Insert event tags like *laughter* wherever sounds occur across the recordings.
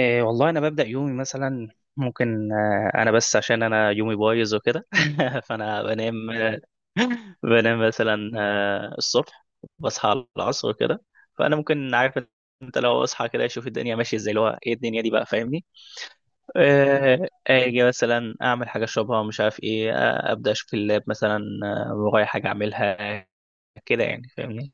إيه والله انا ببدا يومي مثلا ممكن انا بس عشان انا يومي بايظ وكده *laughs* فانا بنام *laughs* بنام مثلا الصبح. بصحى على العصر وكده فانا ممكن عارف. انت لو اصحى كده اشوف الدنيا ماشيه ازاي اللي هو ايه الدنيا دي بقى فاهمني. اجي مثلا اعمل حاجه اشربها مش عارف ايه ابدا اشوف اللاب مثلا ورايا حاجه اعملها كده يعني فاهمني.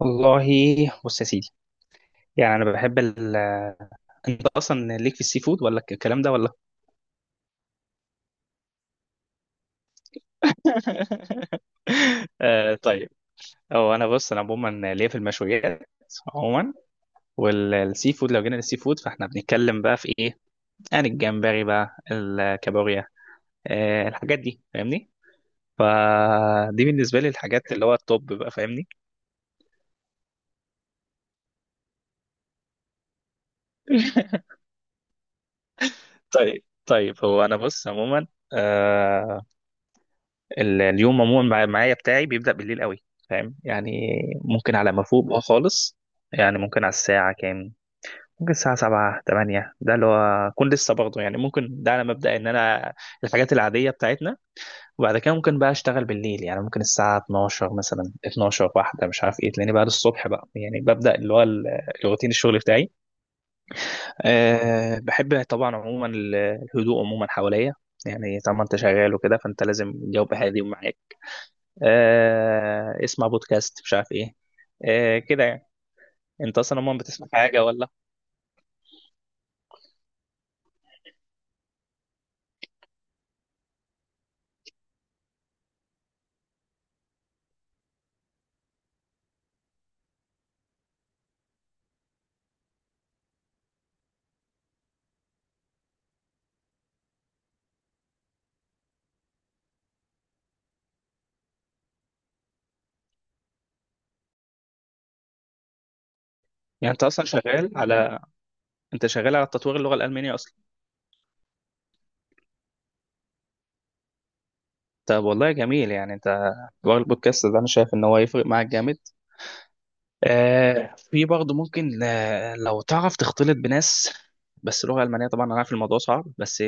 والله، بص يا سيدي. يعني انا بحب انت اصلا ليك في السي فود ولا الكلام ده ولا؟ *laughs* طيب. هو انا بص انا عموما ليا في المشويات عموما، والسي فود لو جينا للسي فود فاحنا بنتكلم بقى في ايه؟ يعني الجمبري بقى الكابوريا، الحاجات دي فاهمني. فدي بالنسبه لي الحاجات اللي هو التوب بقى فاهمني. *laughs* طيب طيب هو انا بص عموما آه اليوم عموما معايا بتاعي بيبدأ بالليل قوي، فاهم يعني. ممكن على ما فوق بقى خالص، يعني ممكن على الساعة كام؟ ممكن الساعة سبعة تمانية ده اللي هو أكون لسه برضه يعني. ممكن ده على مبدأ إن أنا الحاجات العادية بتاعتنا. وبعد كده ممكن بقى أشتغل بالليل، يعني ممكن الساعة 12 مثلا، 12 واحدة مش عارف إيه، تلاقيني بقى الصبح بقى يعني ببدأ اللي هو روتين الشغل بتاعي. أه بحب طبعا عموما الهدوء عموما حواليا. يعني طالما أنت شغال وكده فأنت لازم الجو هادي ومعاك. أه اسمع بودكاست مش عارف إيه، أه كده يعني. أنت أصلا عموما بتسمع حاجة ولا؟ يعني أنت أصلا شغال على انت شغال على تطوير اللغه الالمانيه اصلا؟ طب والله جميل يعني انت. تطوير البودكاست ده انا شايف ان هو يفرق معاك جامد. في برضه ممكن لو تعرف تختلط بناس. بس لغه المانيه طبعا انا عارف الموضوع صعب، بس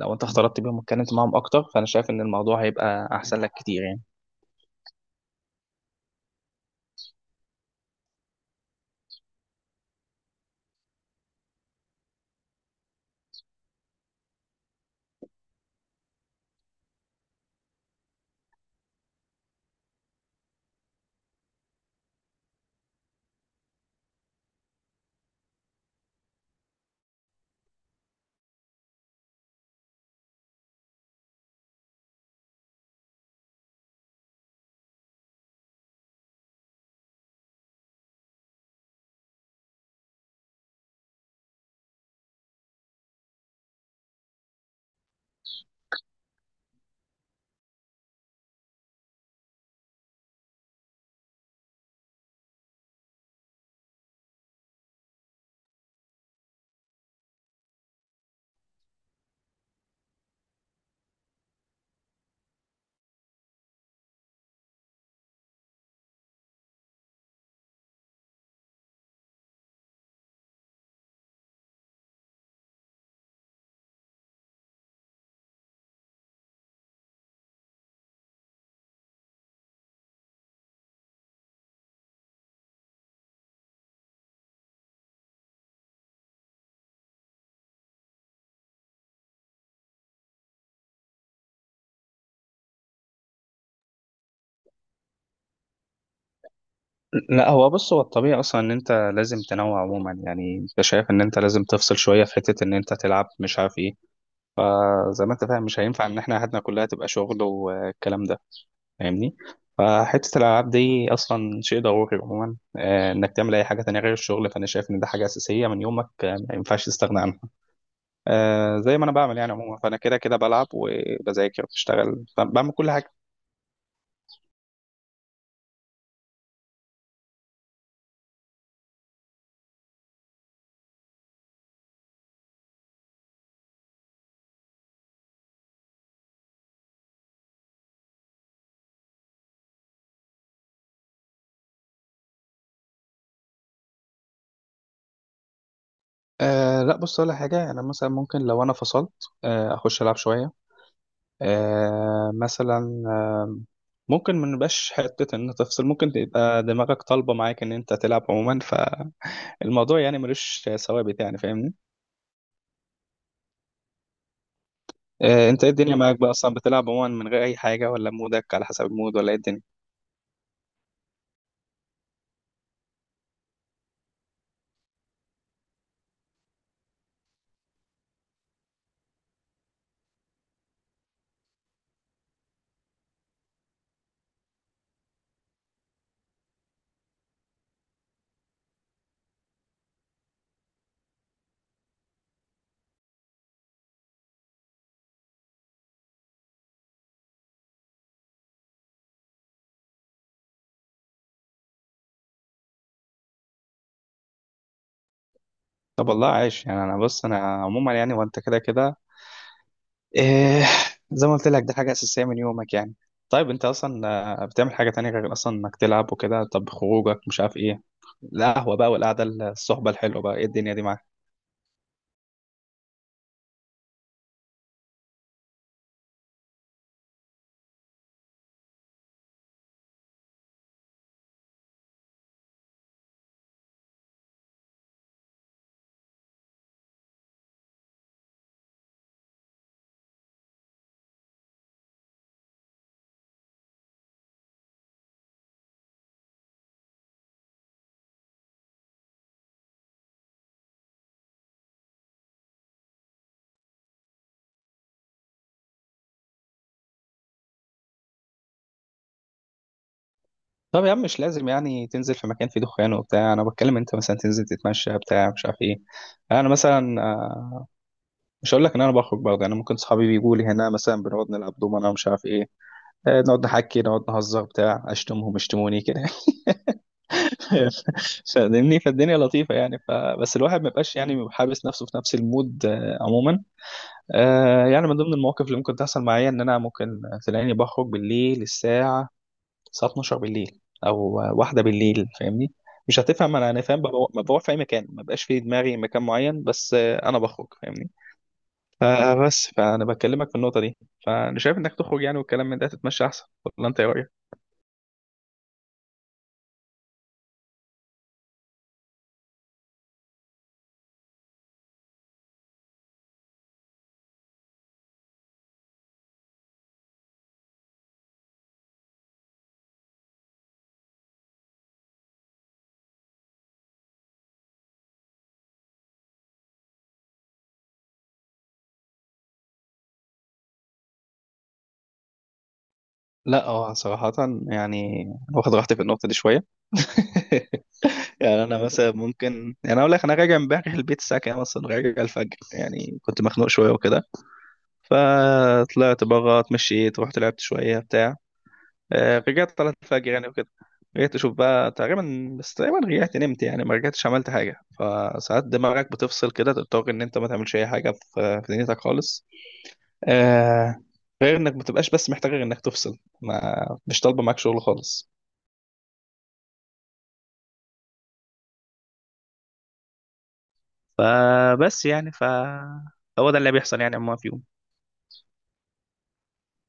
لو انت اختلطت بيهم واتكلمت معاهم اكتر فانا شايف ان الموضوع هيبقى احسن لك كتير يعني. لا هو بص هو الطبيعي اصلا ان انت لازم تنوع عموما. يعني انت شايف ان انت لازم تفصل شويه في حته ان انت تلعب مش عارف ايه، زي ما انت فاهم مش هينفع ان احنا حياتنا كلها تبقى شغل والكلام ده، فاهمني. فحتة الألعاب دي أصلا شيء ضروري عموما، إنك تعمل أي حاجة تانية غير الشغل. فأنا شايف إن ده حاجة أساسية من يومك، ما ينفعش تستغنى عنها. زي ما أنا بعمل يعني عموما، فأنا كده كده بلعب وبذاكر وبشتغل بعمل كل حاجة. أه لا بص ولا حاجة، أنا مثلا ممكن لو أنا فصلت أخش ألعب شوية. أه مثلا ممكن ما نبقاش حتة إن تفصل، ممكن تبقى دماغك طالبة معاك إن أنت تلعب عموما. فالموضوع يعني ملوش ثوابت يعني فاهمني. انت ايه الدنيا معاك بقى؟ اصلا بتلعب عموما من غير اي حاجه ولا مودك على حسب المود ولا ايه الدنيا؟ طب والله عايش يعني. انا بص انا عموما يعني وانت كده كده إيه، زي ما قلت لك دي حاجه اساسيه من يومك يعني. طيب انت اصلا بتعمل حاجه تانية غير اصلا انك تلعب وكده؟ طب خروجك مش عارف ايه، القهوه بقى والقعده الصحبه الحلوه بقى ايه الدنيا دي معاك؟ طب يا عم مش لازم يعني تنزل في مكان فيه دخان وبتاع، انا بتكلم انت مثلا تنزل تتمشى بتاع مش عارف ايه. انا مثلا مش هقول لك ان انا بخرج برضه، انا ممكن صحابي بيجوا لي هنا مثلا بنقعد نلعب دومنا ومش عارف ايه، نقعد نحكي نقعد نهزر بتاع اشتمهم اشتموني كده. *laughs* فاهمني، فالدنيا لطيفه يعني. فبس الواحد ما يبقاش يعني حابس نفسه في نفس المود عموما. يعني من ضمن المواقف اللي ممكن تحصل معايا ان انا ممكن تلاقيني بخرج بالليل الساعه 12 بالليل، او واحده بالليل فاهمني. مش هتفهم، انا فاهم بروح في اي مكان ما بقاش في دماغي مكان معين، بس انا بخرج فاهمني. فبس فانا بكلمك في النقطه دي. فانا شايف انك تخرج يعني والكلام من ده تتمشى احسن، ولا انت ايه رايك؟ لا هو صراحة يعني واخد راحتي في النقطة دي شوية. *laughs* يعني أنا مثلا ممكن يعني أقول لك أنا راجع امبارح البيت الساعة كام أصلا. راجع الفجر يعني، كنت مخنوق شوية وكده فطلعت بره، اتمشيت، رحت لعبت شوية بتاع رجعت، طلعت الفجر يعني وكده. رجعت أشوف بقى تقريبا، بس تقريبا رجعت نمت يعني ما رجعتش عملت حاجة. فساعات دماغك بتفصل كده، تضطر إن أنت ما تعملش أي حاجة في دنيتك خالص، آه، غير إنك ما تبقاش بس محتاج غير إنك تفصل، ما مش طالبة معاك شغل خالص. فبس يعني هو ده اللي بيحصل يعني عموما فيهم.